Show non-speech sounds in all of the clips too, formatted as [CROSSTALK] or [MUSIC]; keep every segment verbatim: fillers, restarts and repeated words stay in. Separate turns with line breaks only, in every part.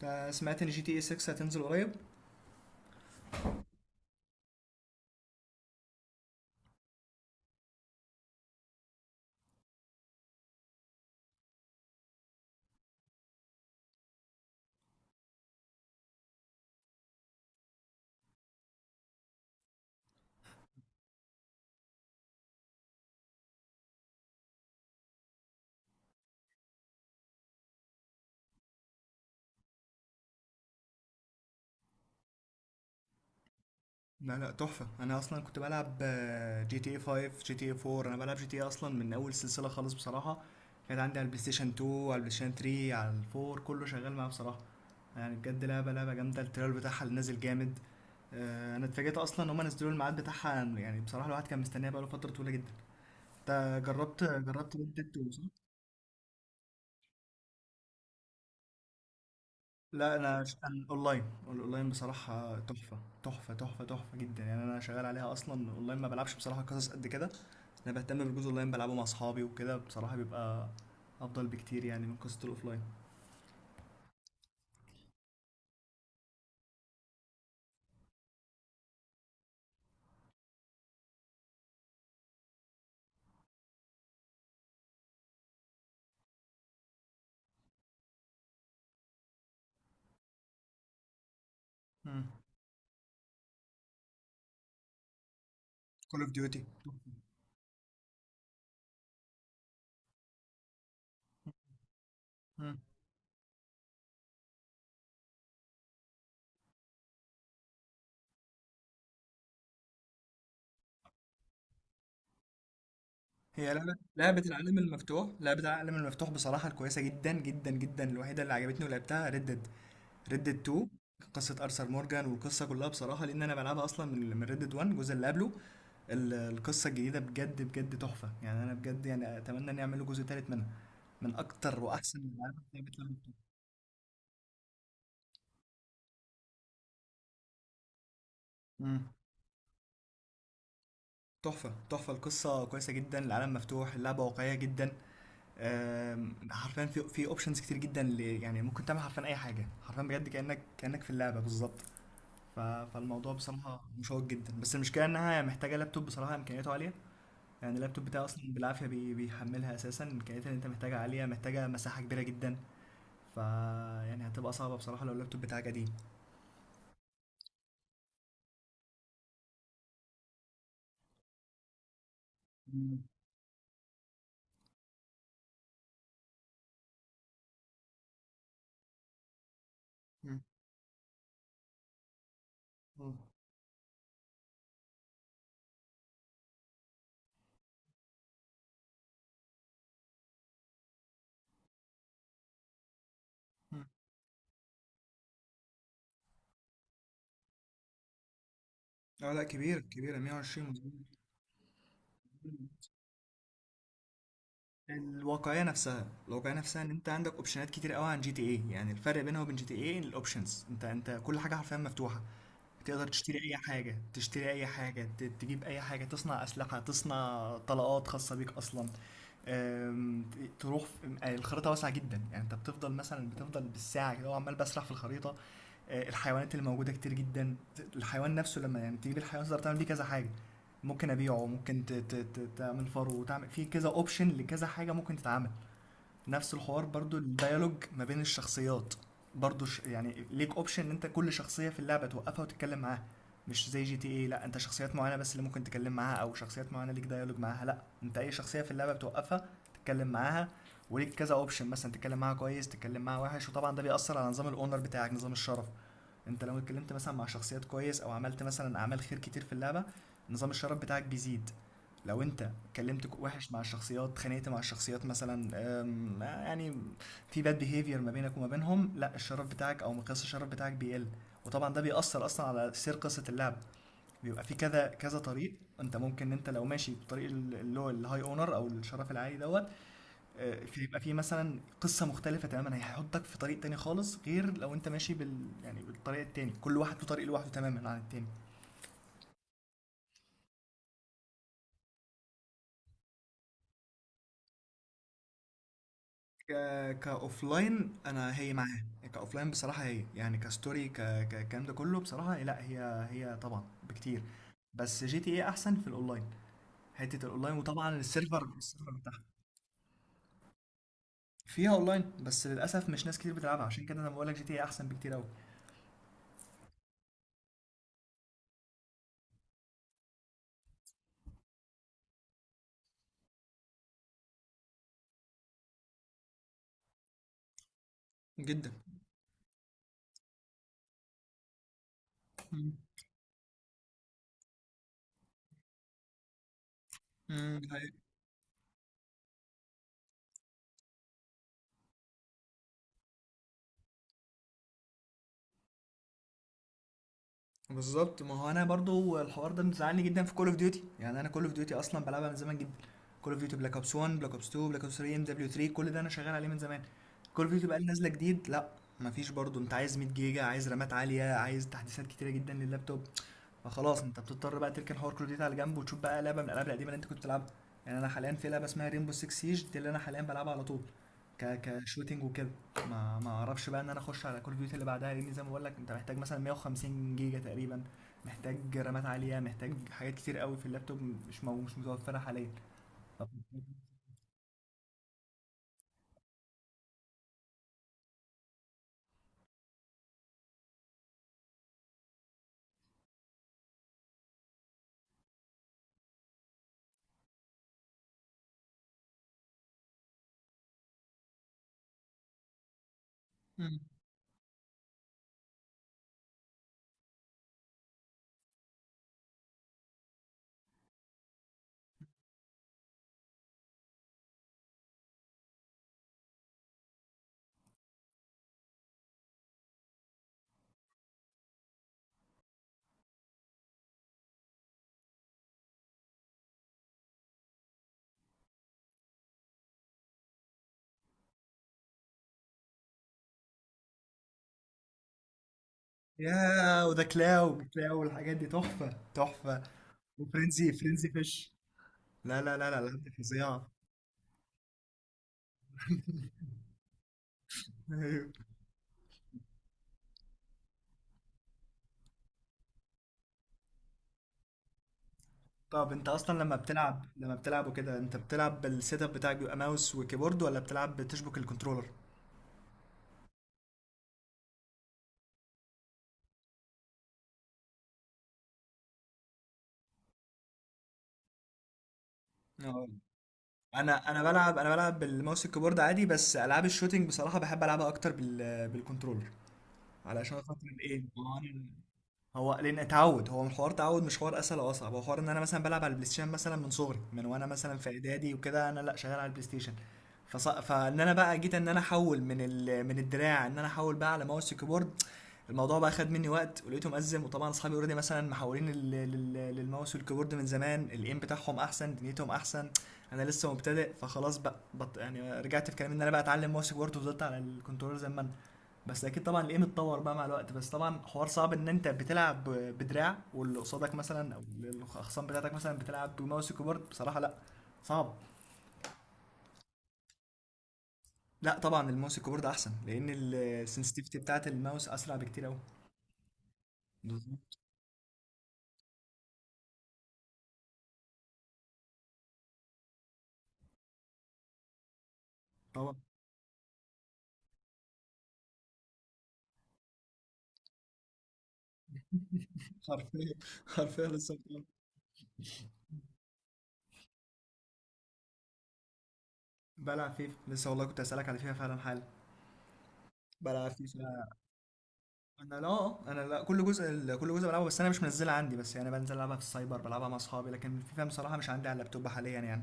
تا- سمعت ان جي تي اي ستة هتنزل قريب. لا لا، تحفة. انا اصلا كنت بلعب آه، جي تي اي خمسة، جي تي اي اربعة، انا بلعب جي تي اي اصلا من اول سلسلة خالص بصراحة. كانت عندي على البلاي ستيشن اتنين، على البلاي ستيشن تلاتة، على ال اربعة، كله شغال معاه بصراحة. يعني بجد لعبة لعبة جامدة، التريلر بتاعها اللي نازل جامد. آه، انا اتفاجئت اصلا ان هم نزلوا الميعاد بتاعها، يعني بصراحة الواحد كان مستنيها بقاله فترة طويلة جدا. انت جربت جربت ريد ديد اتنين صح؟ لا، انا اشتغل اونلاين. الاونلاين بصراحه تحفه، تحفه تحفه تحفه جدا. يعني انا شغال عليها اصلا اونلاين، ما بلعبش بصراحه قصص قد كده. انا بهتم بالجزء اونلاين، بلعبه مع اصحابي وكده، بصراحه بيبقى افضل بكتير يعني من قصه الاوفلاين. كول اوف ديوتي. هي لعبة لعبة العالم المفتوح، لعبة العالم المفتوح بصراحة الكويسة جدا جدا جدا الوحيدة اللي عجبتني ولعبتها ريد ديد، ريد ديد اتنين. قصة أرثر مورجان والقصة كلها بصراحة، لأن أنا بلعبها أصلا من من ريد ديد واحد الجزء اللي قبله. ال- القصة الجديدة بجد بجد تحفة، يعني أنا بجد يعني أتمنى إن يعملوا جزء تالت منها. من أكتر وأحسن الألعاب اللي لعبت لعبة. تحفة تحفة تحفة، القصة كويسة جدا، العالم مفتوح، اللعبة واقعية جدا. آم، حرفيا في في اوبشنز كتير جدا اللي يعني ممكن تعمل حرفيا اي حاجه، حرفيا بجد كانك كانك في اللعبه بالظبط. ف- فالموضوع بصراحه مشوق جدا، بس المشكله انها محتاجه لابتوب بصراحه امكانياته عاليه. يعني اللابتوب بتاعي اصلا بالعافيه بي- بيحملها، اساسا امكانياتها اللي انت محتاجها عاليه، محتاجه مساحه كبيره جدا. ف يعني هتبقى صعبه بصراحه لو اللابتوب بتاعك قديم. مم. مم. مم. اه لا، كبير، كبيرة ميه وعشرين مظبوط. الواقعيه نفسها، الواقعيه نفسها ان انت عندك اوبشنات كتير قوي عن جي تي اي. يعني الفرق بينها وبين جي تي اي الاوبشنز، انت انت كل حاجه حرفيا مفتوحه. تقدر تشتري اي حاجه، تشتري اي حاجه ت- تجيب اي حاجه، تصنع اسلحه، تصنع طلقات خاصه بيك اصلا. أم، ت- تروح في- م- الخريطه واسعه جدا، يعني انت بتفضل مثلا بتفضل بالساعه كده وعمال بسرح في الخريطه. أه، الحيوانات اللي موجوده كتير جدا. الحيوان نفسه لما يعني تجيب الحيوان تقدر تعمل بيه كذا حاجه. ممكن ابيعه، ممكن ت- ت- ت- تعمل فرو، وتعمل في كذا اوبشن لكذا حاجه ممكن تتعمل. نفس الحوار برضو، الديالوج ما بين الشخصيات برضو ش... يعني ليك اوبشن ان انت كل شخصية في اللعبة توقفها وتتكلم معاها. مش زي جي تي اي، لا انت شخصيات معينة بس اللي ممكن تتكلم معاها، او شخصيات معينة ليك ديالوج معاها. لا، انت اي شخصية في اللعبة بتوقفها تتكلم معاها. وليك كذا اوبشن، مثلا تتكلم معاها كويس، تتكلم معاها وحش، وطبعا ده بيأثر على نظام الاونر بتاعك، نظام الشرف. انت لو اتكلمت مثلا مع شخصيات كويس، او عملت مثلا اعمال خير كتير في اللعبة، نظام الشرف بتاعك بيزيد. لو انت اتكلمت ك- وحش مع الشخصيات، اتخانقت مع الشخصيات مثلا، أم، يعني في باد بيهيفير ما بينك وما بينهم، لا الشرف بتاعك او مقياس الشرف بتاعك بيقل. وطبعا ده بيأثر اصلا على سير قصة اللعب، بيبقى في كذا كذا طريق. انت ممكن انت لو ماشي بطريق ال- اللي هو الهاي اونر او الشرف العالي دوت. آه، في- يبقى في مثلا قصة مختلفة تماما، هيحطك في طريق تاني خالص، غير لو انت ماشي بال يعني بالطريق التاني. كل واحد له طريق لوحده تماما عن التاني. كاوف لاين انا هي معاه. كاوف لاين بصراحه هي يعني كستوري ك ك- الكلام ده كله بصراحه، لا هي هي طبعا بكتير. بس جي تي ايه احسن في الاونلاين، حته الاونلاين وطبعا السيرفر، السيرفر بتاعها. فيها اونلاين بس للاسف مش ناس كتير بتلعبها، عشان كده انا بقول لك جي تي ايه احسن بكتير قوي. جدا. مم. مم. بالظبط، ما هو انا برضو الحوار ده مزعلني جدا في كول اوف ديوتي. يعني انا كول اوف ديوتي اصلا بلعبها من زمان جدا. كول اوف ديوتي بلاك اوبس واحد، بلاك اوبس اتنين، بلاك اوبس تلاتة، ام دبليو تلاتة، كل ده انا شغال عليه من زمان. كول اوف ديوتي بقى اللي نازله جديد، لا مفيش، برضو انت عايز ميه جيجا، عايز رامات عاليه، عايز تحديثات كتيره جدا لللابتوب. فخلاص انت بتضطر بقى تركن حوار كل ديتا على جنب، وتشوف بقى لعبه من الالعاب القديمه اللي انت كنت بتلعبها. يعني انا حاليا في لعبه اسمها ريمبو ستة سيج دي اللي انا حاليا بلعبها على طول. ك كشوتينج وكده. ما ما اعرفش بقى ان انا اخش على كل ديوتي اللي بعدها، لان زي ما بقول لك انت محتاج مثلا مية وخمسين جيجا تقريبا، محتاج رامات عاليه، محتاج حاجات كتير قوي في اللابتوب، مش مو مش متوفره حاليا. مم. يا وده كلاو كلاو والحاجات دي تحفه تحفه. وفرنزي، فرنزي فيش. لا لا لا لا، الألعاب دي فظيعه. [LAUGHS] طب انت اصلا لما بتلعب، لما بتلعب وكده، انت بتلعب بالسيت اب بتاعك بيبقى ماوس وكيبورد، ولا بتلعب بتشبك الكنترولر؟ اه. انا انا بلعب انا بلعب بالماوس الكيبورد عادي، بس العاب الشوتينج بصراحه بحب العبها اكتر بال بالكنترولر. علشان خاطر الايه، ما هو انا، هو لان تعود، هو الحوار تعود، مش حوار اسهل او اصعب، هو حوار ان انا مثلا بلعب على البلاي ستيشن مثلا من صغري، من وانا مثلا في اعدادي وكده انا لا شغال على البلاي ستيشن. فص... فان انا بقى جيت ان انا احول من ال... من الدراع ان انا احول بقى على ماوس وكيبورد، الموضوع بقى خد مني وقت، ولقيته مأزم. وطبعا اصحابي اوريدي مثلا محولين لل... لل... للماوس والكيبورد من زمان، الايم بتاعهم احسن، دنيتهم احسن. انا لسه مبتدئ، فخلاص بقى بط... يعني رجعت في كلامي ان انا بقى اتعلم ماوس وكيبورد، وفضلت على الكنترول زي ما انا. بس اكيد طبعا الايم اتطور بقى مع الوقت، بس طبعا حوار صعب ان انت بتلعب ب- بدراع واللي قصادك مثلا او الاخصام بتاعتك مثلا بتلعب بماوس وكيبورد، بصراحه لا، صعب. لا طبعا الماوس وكيبورد احسن، لان السنسيتيفيتي بتاعت الماوس اسرع بكتير قوي. بالظبط. طبعا. حرفيا، [LAUGHS] حرفيا لسه بتلعب. بلعب فيفا لسه، والله كنت اسالك على فيفا فعلا حالا. بلعب فيفا. انا لا، آه، انا لا كل جزء، ال- كل جزء بلعبه، بس انا مش منزلها عندي، بس يعني بنزل العبها في السايبر، بلعبها مع اصحابي، لكن فيفا بصراحه مش عندي على اللابتوب حاليا يعني.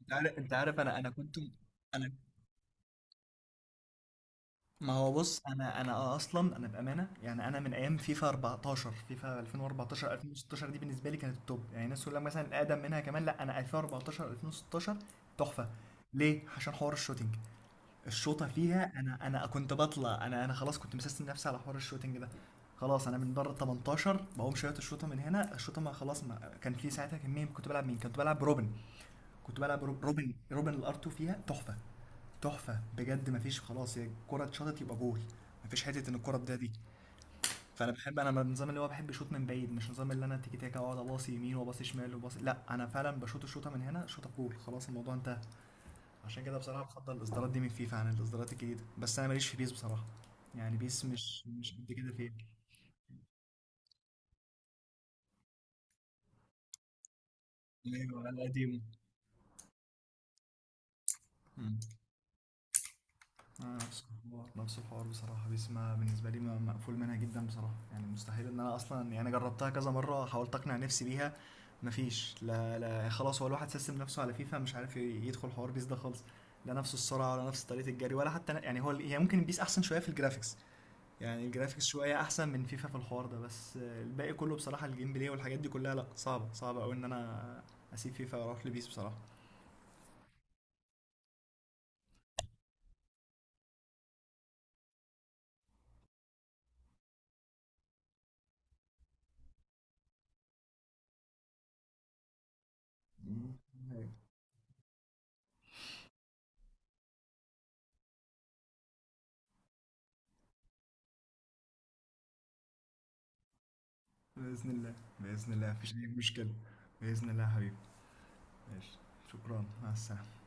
انت عارف انت عارف انا انا كنت، انا ما هو بص انا انا اصلا انا بامانه يعني، انا من ايام فيفا اربعتاشر، فيفا الفين واربعتاشر، الفين وستاشر، دي بالنسبه لي كانت التوب. يعني الناس تقول لك مثلا الاقدم منها كمان، لا انا الفين واربعتاشر، الفين وستاشر تحفه. ليه؟ عشان حوار الشوتينج، الشوطه فيها، انا انا كنت بطلع، انا انا خلاص كنت مسستم نفسي على حوار الشوتينج ده. خلاص، انا من بره ال التمنتاشر بقوم شويه الشوطه من هنا. الشوطه، ما خلاص، ما كان في ساعتها كميه. كنت بلعب مين؟ كنت بلعب روبن. كنت بلعب رو- روبن، روبن الار اتنين فيها تحفه، تحفه بجد، مفيش خلاص، هي الكره اتشاطت يبقى جول. مفيش حته ان الكره تضيع دي. فانا بحب، انا من النظام اللي هو بحب شوط من بعيد، مش نظام اللي انا تيكي تاكا واقعد اباصي يمين وباصي شمال وباصي، لا انا فعلا بشوط الشوطه من هنا شوطه جول خلاص الموضوع انتهى. عشان كده بصراحه بفضل الاصدارات دي من فيفا عن الاصدارات الجديده، بس انا ماليش في بيس بصراحه، يعني بيس مش مش قد كده فيها. ايوه على قديم. آه، نفس الحوار، نفس الحوار بصراحة، بس ما بالنسبة لي ما- مقفول منها جدا بصراحة، يعني مستحيل ان انا اصلا يعني جربتها كذا مرة، حاولت اقنع نفسي بيها، مفيش. لا لا، خلاص، هو الواحد سيستم نفسه على فيفا، مش عارف ي- يدخل حوار بيس ده خالص. لا نفس السرعة، ولا نفس طريقة الجري، ولا حتى ن- يعني هو ال- هي ممكن بيس احسن شوية في الجرافيكس، يعني الجرافيكس شوية احسن من فيفا في الحوار ده، بس آه، الباقي كله بصراحة الجيم بلاي والحاجات دي كلها لا صعبة، صعبة قوي ان انا اسيب فيفا واروح لبيس بصراحة. بإذن الله، بإذن الله مفيش أي مشكلة. بإذن الله يا حبيبي، ماشي. شكرا، مع السلامة.